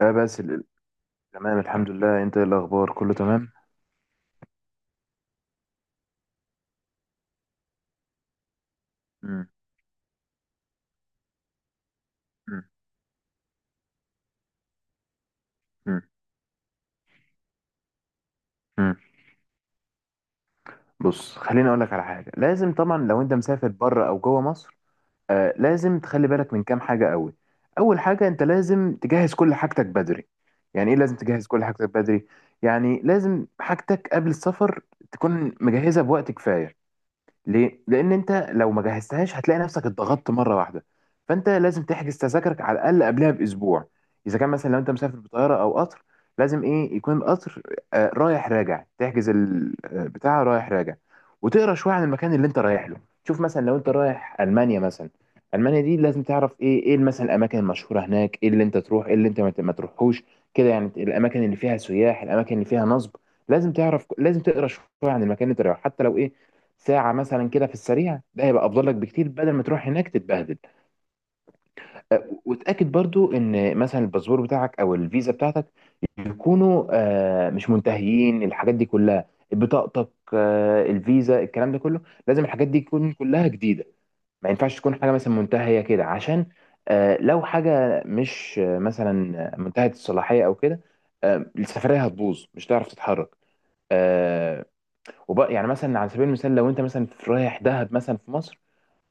لا، تمام الحمد لله. انت ايه الاخبار؟ كله تمام؟ مم. مم. مم. مم. بص، خليني اقول لك على حاجه. لازم طبعا لو انت مسافر بره او جوه مصر، لازم تخلي بالك من كام حاجه قوي. اول حاجه، انت لازم تجهز كل حاجتك بدري. يعني ايه لازم تجهز كل حاجتك بدري؟ يعني لازم حاجتك قبل السفر تكون مجهزه بوقت كفايه. ليه؟ لأن أنت لو ما جهزتهاش هتلاقي نفسك اتضغطت مرة واحدة. فأنت لازم تحجز تذاكرك على الأقل قبلها بأسبوع. إذا كان مثلا لو أنت مسافر بطيارة أو قطر، لازم إيه يكون القطر رايح راجع، تحجز البتاع رايح راجع. وتقرا شوية عن المكان اللي أنت رايح له. شوف مثلا لو أنت رايح ألمانيا مثلا، ألمانيا دي لازم تعرف إيه مثلا الأماكن المشهورة هناك، إيه اللي أنت تروح، إيه اللي أنت ما تروحوش. كده يعني الأماكن اللي فيها سياح، الأماكن اللي فيها نصب. لازم تعرف، لازم تقرا شوية عن المكان اللي أنت رايحه، حتى لو إيه ساعة مثلا كده في السريع. ده هيبقى أفضل لك بكتير بدل ما تروح هناك تتبهدل. وتأكد برضو إن مثلا الباسبور بتاعك أو الفيزا بتاعتك يكونوا مش منتهيين. الحاجات دي كلها، بطاقتك، الفيزا، الكلام ده كله لازم الحاجات دي تكون كلها جديدة. ما ينفعش تكون حاجة مثلا منتهية كده عشان لو حاجة مش مثلا منتهية الصلاحية أو كده، السفرية هتبوظ، مش هتعرف تتحرك. آه، وبقى يعني مثلا على سبيل المثال لو انت مثلا في رايح دهب مثلا في مصر،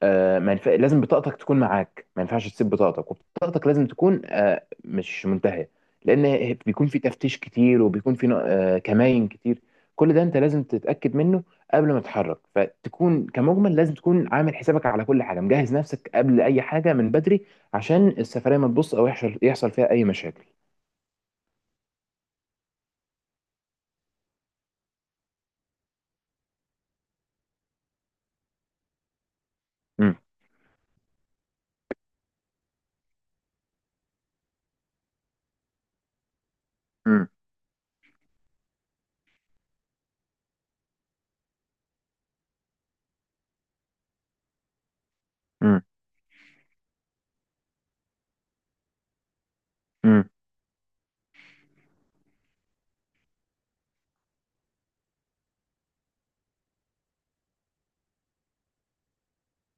آه، ما ينف... لازم بطاقتك تكون معاك. ما ينفعش تسيب بطاقتك، وبطاقتك لازم تكون مش منتهية. لأن بيكون في تفتيش كتير، وبيكون في كمائن كتير. كل ده أنت لازم تتأكد منه قبل ما تتحرك. فتكون كمجمل لازم تكون عامل حسابك على كل حاجة، مجهز نفسك قبل أي حاجة من بدري، عشان السفرية ما تبص أو يحصل فيها أي مشاكل. مم. مم. مم. مم.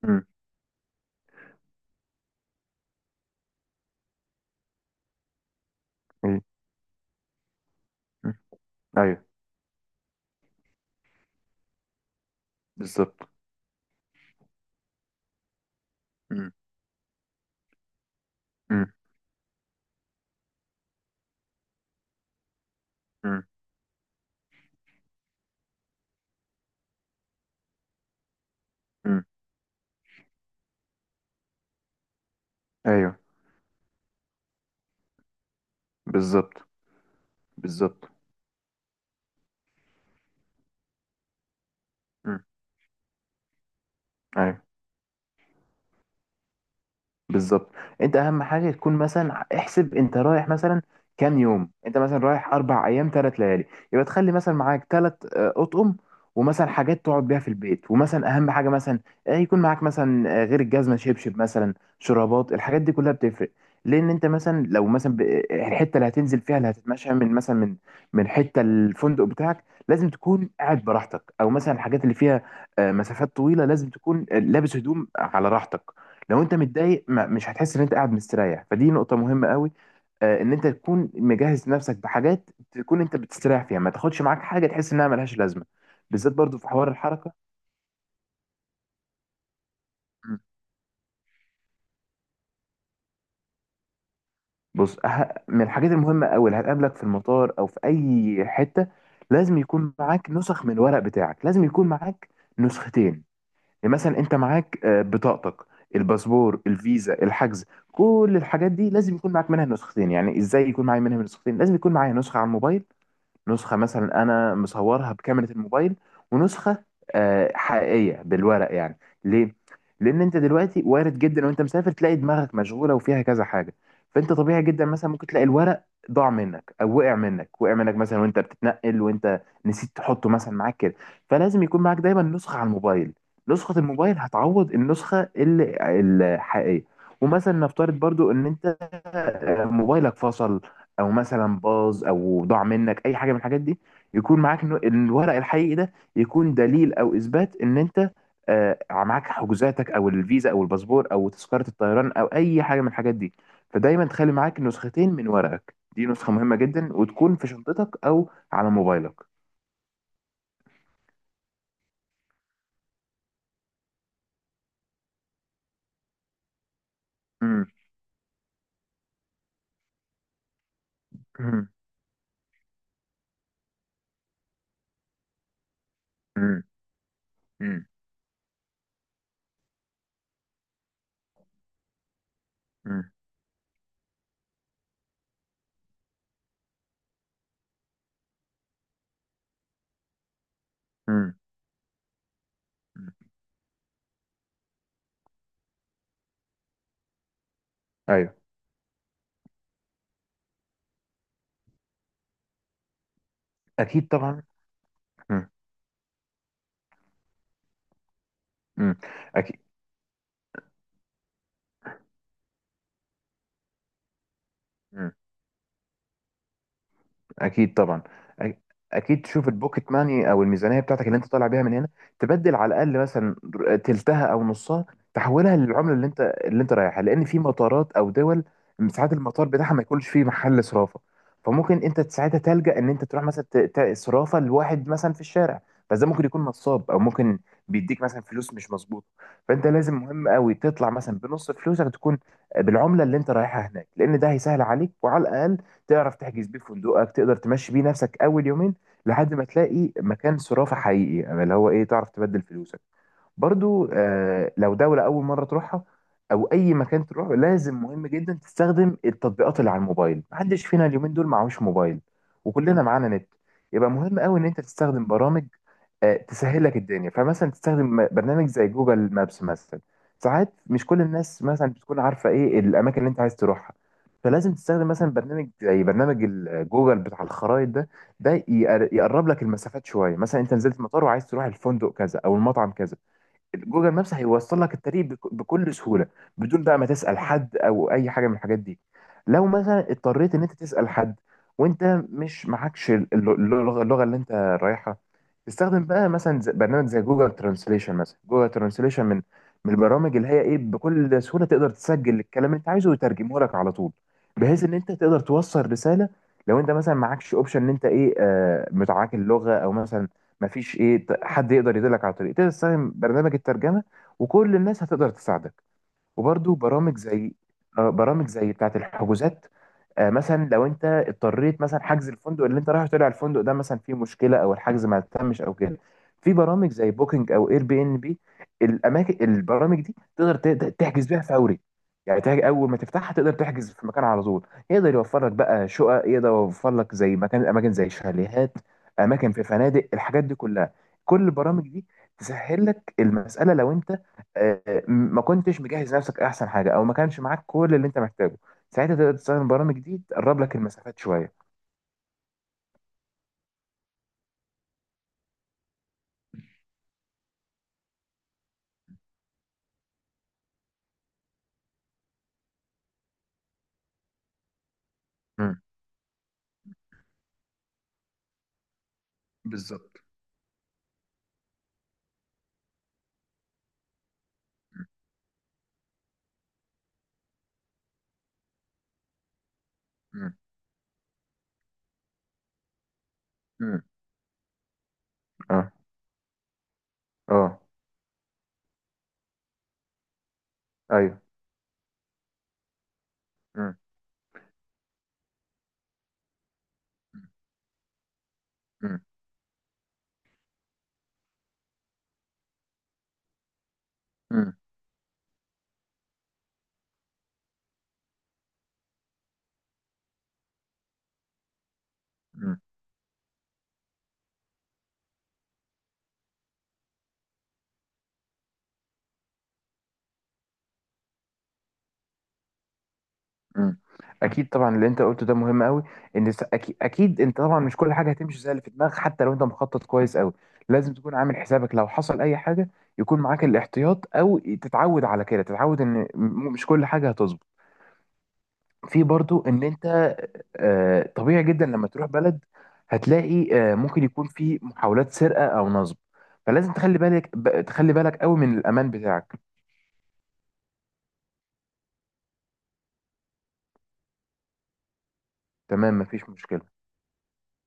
مم. مم. ايوه. بالظبط. مم. مم. مم. مم. ايوه. بالظبط. بالظبط. مم. ايوه. بالظبط. انت اهم حاجه تكون مثلا، احسب انت رايح مثلا كام يوم. انت مثلا رايح 4 ايام، 3 ليالي، يبقى تخلي مثلا معاك ثلاث اطقم، ومثلا حاجات تقعد بيها في البيت. ومثلا اهم حاجه مثلا، يكون معاك مثلا، غير الجزمه، شبشب مثلا، شرابات. الحاجات دي كلها بتفرق. لان انت مثلا لو مثلا الحته اللي هتنزل فيها، اللي هتتمشى من مثلا من حته الفندق بتاعك، لازم تكون قاعد براحتك. او مثلا الحاجات اللي فيها مسافات طويله، لازم تكون لابس هدوم على راحتك. لو انت متضايق، مش هتحس ان انت قاعد مستريح. فدي نقطة مهمة قوي، ان انت تكون مجهز نفسك بحاجات تكون انت بتستريح فيها. ما تاخدش معاك حاجة تحس انها ملهاش لازمة، بالذات برضو في حوار الحركة. مم. بص، من الحاجات المهمة قوي اللي هتقابلك في المطار او في اي حتة، لازم يكون معاك نسخ من الورق بتاعك. لازم يكون معاك نسختين. يعني مثلا انت معاك بطاقتك، الباسبور، الفيزا، الحجز. كل الحاجات دي لازم يكون معاك منها نسختين. يعني ازاي يكون معايا منها نسختين؟ لازم يكون معايا نسخة على الموبايل، نسخة مثلا أنا مصورها بكاميرا الموبايل، ونسخة حقيقية بالورق يعني. ليه؟ لأن أنت دلوقتي وارد جدا وأنت مسافر تلاقي دماغك مشغولة وفيها كذا حاجة. فأنت طبيعي جدا مثلا ممكن تلاقي الورق ضاع منك أو وقع منك مثلا وأنت بتتنقل، وأنت نسيت تحطه مثلا معاك كده. فلازم يكون معاك دايما نسخة على الموبايل. نسخة الموبايل هتعوض النسخة الحقيقية. ومثلا نفترض برضو ان انت موبايلك فصل، او مثلا باظ، او ضاع منك اي حاجه من الحاجات دي، يكون معاك الورق الحقيقي ده، يكون دليل او اثبات ان انت معاك حجوزاتك او الفيزا او الباسبور او تذكره الطيران او اي حاجه من الحاجات دي. فدايما تخلي معاك نسختين من ورقك. دي نسخه مهمه جدا، وتكون في شنطتك او على موبايلك. مم. مم. مم. مم. مم. مم. ايوه. اكيد طبعا. مم. مم. اكيد. مم. اكيد طبعا. أ- اكيد تشوف البوكيت ماني او الميزانيه بتاعتك اللي انت طالع بيها من هنا، تبدل على الاقل مثلا تلتها او نصها. تحولها للعمله اللي انت رايحها. لان في مطارات او دول ساعات المطار بتاعها ما يكونش فيه محل صرافه. فممكن انت ساعتها تلجأ ان انت تروح مثلا صرافه لواحد مثلا في الشارع. بس ده ممكن يكون نصاب، او ممكن بيديك مثلا فلوس مش مظبوطه. فانت لازم، مهم قوي، تطلع مثلا بنص فلوسك تكون بالعمله اللي انت رايحها هناك. لان ده هيسهل عليك، وعلى الاقل تعرف تحجز بيه فندقك، تقدر تمشي بيه نفسك اول يومين لحد ما تلاقي مكان صرافة حقيقي، أما اللي هو ايه تعرف تبدل فلوسك. برضو آه، لو دولة اول مرة تروحها او اي مكان تروح، لازم مهم جدا تستخدم التطبيقات اللي على الموبايل. محدش فينا اليومين دول معهوش موبايل، وكلنا معانا نت. يبقى مهم قوي ان انت تستخدم برامج تسهل لك الدنيا. فمثلا تستخدم برنامج زي جوجل مابس مثلا. ساعات مش كل الناس مثلا بتكون عارفه ايه الاماكن اللي انت عايز تروحها. فلازم تستخدم مثلا برنامج زي برنامج جوجل بتاع الخرائط ده. ده يقرب لك المسافات شويه. مثلا انت نزلت المطار وعايز تروح الفندق كذا او المطعم كذا، جوجل مابس هيوصل لك الطريق بكل سهوله، بدون بقى ما تسال حد او اي حاجه من الحاجات دي. لو مثلا اضطريت ان انت تسال حد وانت مش معكش الل- اللغه اللغة اللي انت رايحها، تستخدم بقى مثلا برنامج زي جوجل ترانسليشن مثلا. جوجل ترانسليشن من البرامج اللي هي ايه بكل سهوله تقدر تسجل الكلام اللي انت عايزه ويترجمه لك على طول، بحيث ان انت تقدر توصل رساله. لو انت مثلا معكش اوبشن ان انت ايه متعاك اللغه، او مثلا مفيش حد يقدر يدلك على الطريق، تقدر تستخدم برنامج الترجمه وكل الناس هتقدر تساعدك. وبرده برامج زي برامج زي بتاعه الحجوزات، مثلا لو انت اضطريت مثلا حجز الفندق اللي انت رايح، طلع الفندق ده مثلا فيه مشكله او الحجز ما تمش او كده، في برامج زي بوكينج او اير بي ان بي. الاماكن، البرامج دي تقدر تحجز بيها فوري. يعني اول ما تفتحها تقدر تحجز في مكان على طول. يقدر يوفر لك بقى شقق، يقدر يوفر لك زي مكان، اماكن زي شاليهات، اماكن في فنادق، الحاجات دي كلها. كل البرامج دي تسهل لك المساله لو انت آه، ما كنتش مجهز نفسك احسن حاجه او ما كانش معاك كل اللي انت محتاجه، ساعتها تقدر تستخدم برامج دي تقرب لك المسافات شويه. مم. بالظبط. مم. مم. مم. اه. اه. ايوه. مم. مم. مم. مم. مم. اكيد طبعا. اللي انت قلته ده مهم قوي. ان اكيد انت طبعا مش كل حاجه هتمشي زي اللي في دماغك. حتى لو انت مخطط كويس قوي، لازم تكون عامل حسابك لو حصل اي حاجه يكون معاك الاحتياط، او تتعود على كده. تتعود ان مش كل حاجه هتظبط. في برضو ان انت طبيعي جدا لما تروح بلد هتلاقي ممكن يكون في محاولات سرقة او نصب. فلازم تخلي بالك، تخلي بالك قوي من الامان بتاعك. تمام، مفيش مشكلة.